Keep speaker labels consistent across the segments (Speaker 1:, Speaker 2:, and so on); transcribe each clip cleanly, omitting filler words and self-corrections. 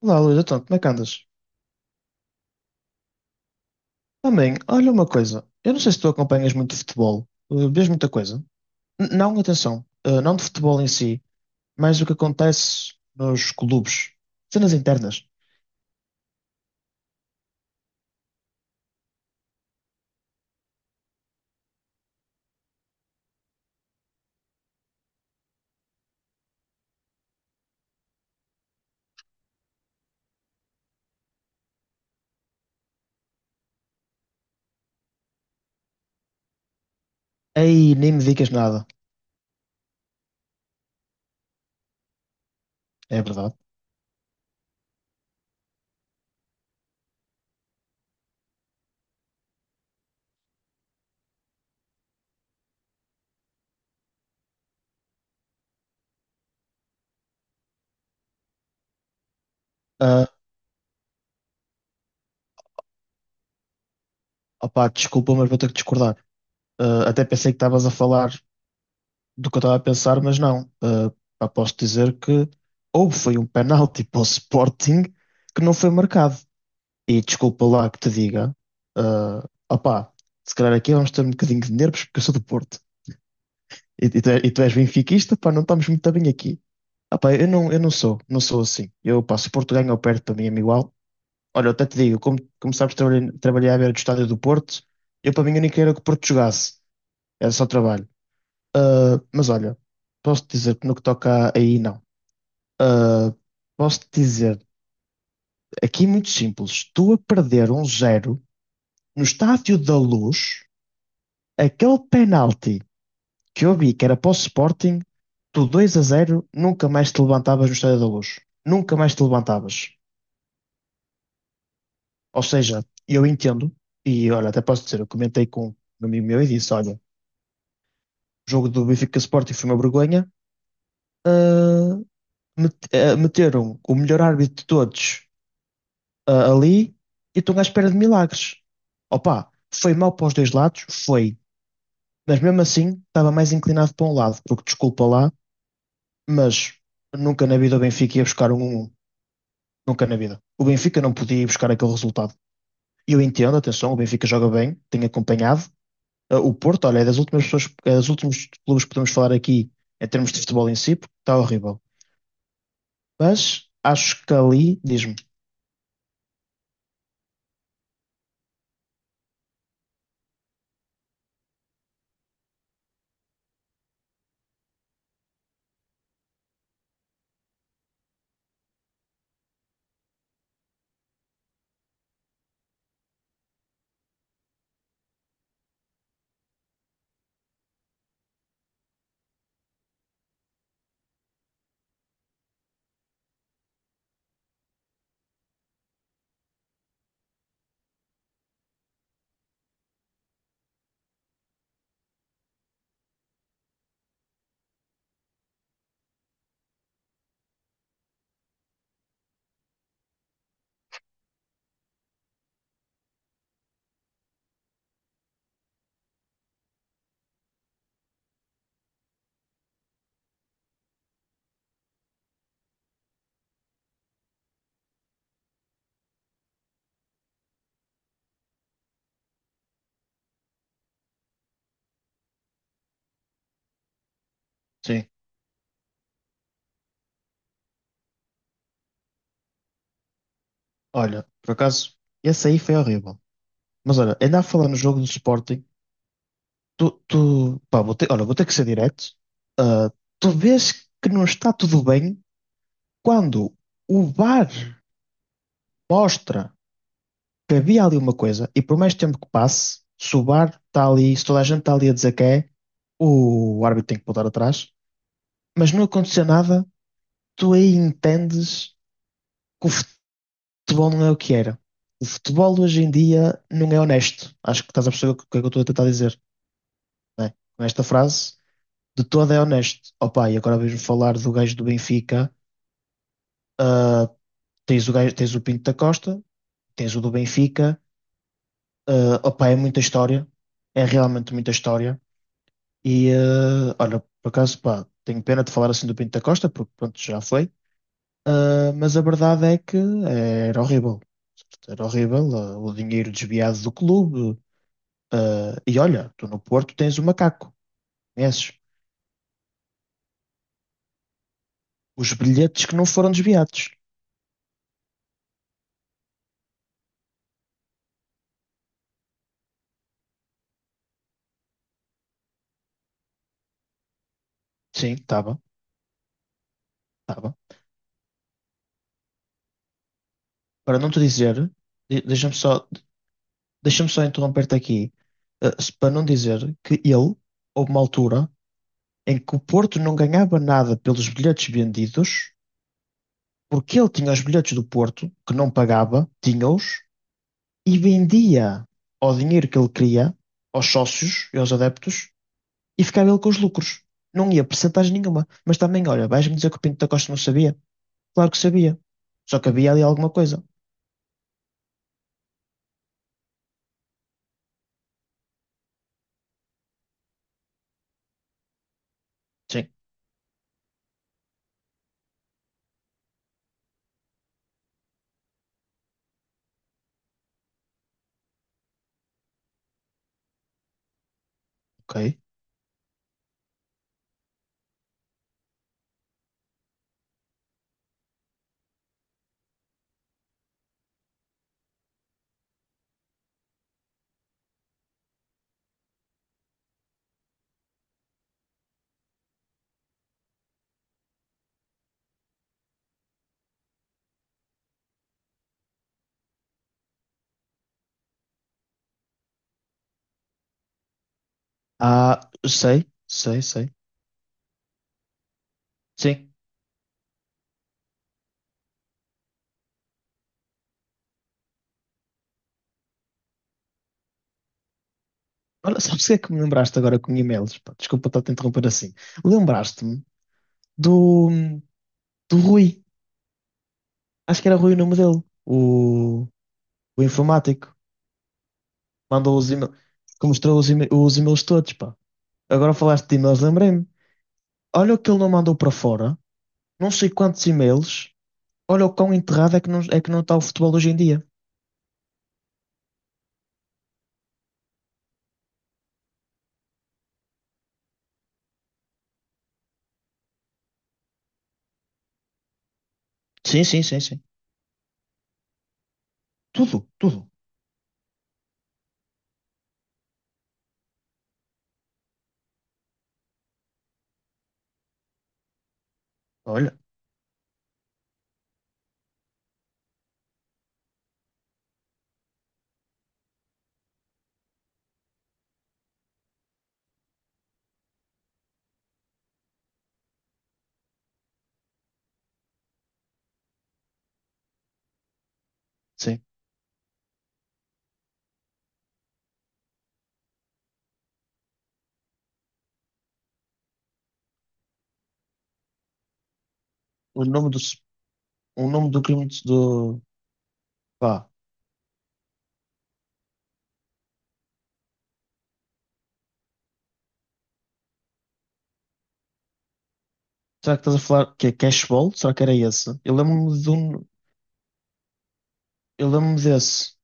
Speaker 1: Olá, Luís, então, como é que andas? Também, olha uma coisa. Eu não sei se tu acompanhas muito futebol. Vês muita coisa? Não, atenção. Não de futebol em si, mas o que acontece nos clubes. Cenas internas. Aí nem me digas nada. É verdade. Uh, opá, desculpa, mas vou ter que discordar. Até pensei que estavas a falar do que eu estava a pensar, mas não. Pá, posso dizer que ou foi um penalti para o Sporting que não foi marcado. E desculpa lá que te diga, ah opá, se calhar aqui vamos ter um bocadinho de nervos porque eu sou do Porto. E tu, e tu és benfiquista, pá, não estamos muito bem aqui. Opá, eu não sou, não sou assim. Eu, pá, se o Porto ganha ou perde, para mim é-me igual. Olha, eu até te digo, como, como sabes, trabalhei à beira do estádio do Porto, eu para mim eu nem queria que o Porto jogasse, era só trabalho. Ah, mas olha, posso-te dizer que no que aí, não. Ah, posso-te dizer, aqui é muito simples, tu a perder um zero no estádio da Luz. Aquele penalti que eu vi que era para o Sporting, tu 2 a zero nunca mais te levantavas no Estádio da Luz. Nunca mais te levantavas. Ou seja, eu entendo, e olha, até posso dizer, eu comentei com um amigo meu e disse: olha, o jogo do Benfica Sporting foi uma vergonha. ah, Meteram o melhor árbitro de todos, ali e estão à espera de milagres. Opa, foi mal para os dois lados, foi. Mas mesmo assim, estava mais inclinado para um lado, porque desculpa lá, mas nunca na vida o Benfica ia buscar um 1-1. Nunca na vida. O Benfica não podia ir buscar aquele resultado. E eu entendo, atenção, o Benfica joga bem, tem acompanhado. O Porto, olha, é das últimas pessoas, é dos últimos clubes que podemos falar aqui em termos de futebol em si, porque está horrível. Mas acho que ali, diz-me, sim, olha, por acaso, esse aí foi horrível. Mas olha, ainda a falar no jogo do Sporting, tu pá, vou ter, olha, vou ter que ser direto. Uh, Tu vês que não está tudo bem quando o VAR mostra que havia ali uma coisa, e por mais tempo que passe, se o VAR está ali, se toda a gente está ali a dizer que é, o árbitro tem que voltar atrás, mas não aconteceu nada, tu aí entendes que o futebol não é o que era. O futebol hoje em dia não é honesto. Acho que estás a perceber o que é que eu estou a tentar dizer, não é? Com esta frase, de todo é honesto. Opa, e agora vejo falar do gajo do Benfica, ah, tens o gajo, tens o Pinto da Costa, tens o do Benfica, opa, é muita história, é realmente muita história. E olha, por acaso, pá, tenho pena de falar assim do Pinto da Costa, porque pronto, já foi. Ah, mas a verdade é que era horrível. Era horrível, o dinheiro desviado do clube. Ah, e olha, tu no Porto tens o macaco, conheces? Os bilhetes que não foram desviados. Sim, estava, estava. Para não te dizer, de- deixa-me só, deixa-me só interromper-te aqui, para não dizer que ele, houve uma altura em que o Porto não ganhava nada pelos bilhetes vendidos. Porque ele tinha os bilhetes do Porto, que não pagava, tinha-os, e vendia ao dinheiro que ele queria, aos sócios e aos adeptos, e ficava ele com os lucros. Não ia percentagem nenhuma. Mas também, olha, vais-me dizer que o Pinto da Costa não sabia? Claro que sabia. Só que havia ali alguma coisa. Sim, ok. Ah, sei, sei, sei. Sim. Olha, sabes o que é que me lembraste agora com e-mails? Pá, desculpa estar-te a interromper assim. Lembraste-me do, do Rui. Acho que era Rui o nome dele. O informático. Mandou os e-mails, que mostrou os e-mails todos, pá. Agora falaste de e-mails, lembrei-me. Olha o que ele não mandou para fora, não sei quantos e-mails, olha o quão enterrado é que não está o futebol hoje em dia. Sim, sim, sim, sim. Tudo, tudo. Olha, sim. O nome do, o nome do crime do. Pá, será que estás a falar que é Cashball? Será que era esse? Eu lembro-me de um, eu lembro-me desse.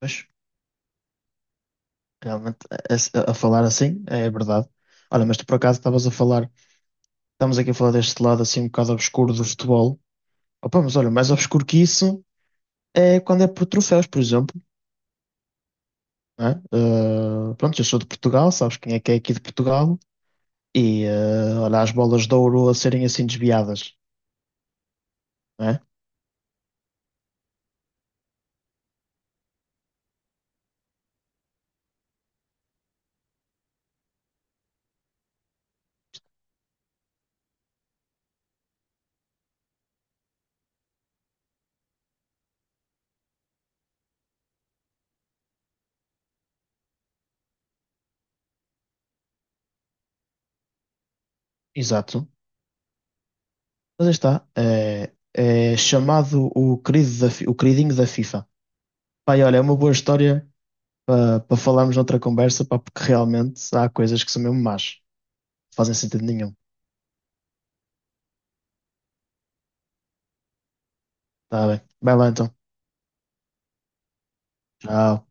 Speaker 1: Mas realmente, a, a falar assim, é verdade. Olha, mas tu por acaso estavas a falar, estamos aqui a falar deste lado assim um bocado obscuro do futebol. Opa, mas olha, mais obscuro que isso é quando é por troféus, por exemplo. Não é? Pronto, eu sou de Portugal, sabes quem é que é aqui de Portugal? E olha, as bolas de ouro a serem assim desviadas, não é? Exato. Mas aí está. É, é chamado o querido da, o queridinho da FIFA. Pai, olha, é uma boa história para para falarmos noutra conversa, pá, porque realmente há coisas que são mesmo más. Não fazem sentido nenhum. Tá bem. Vai lá então. Tchau.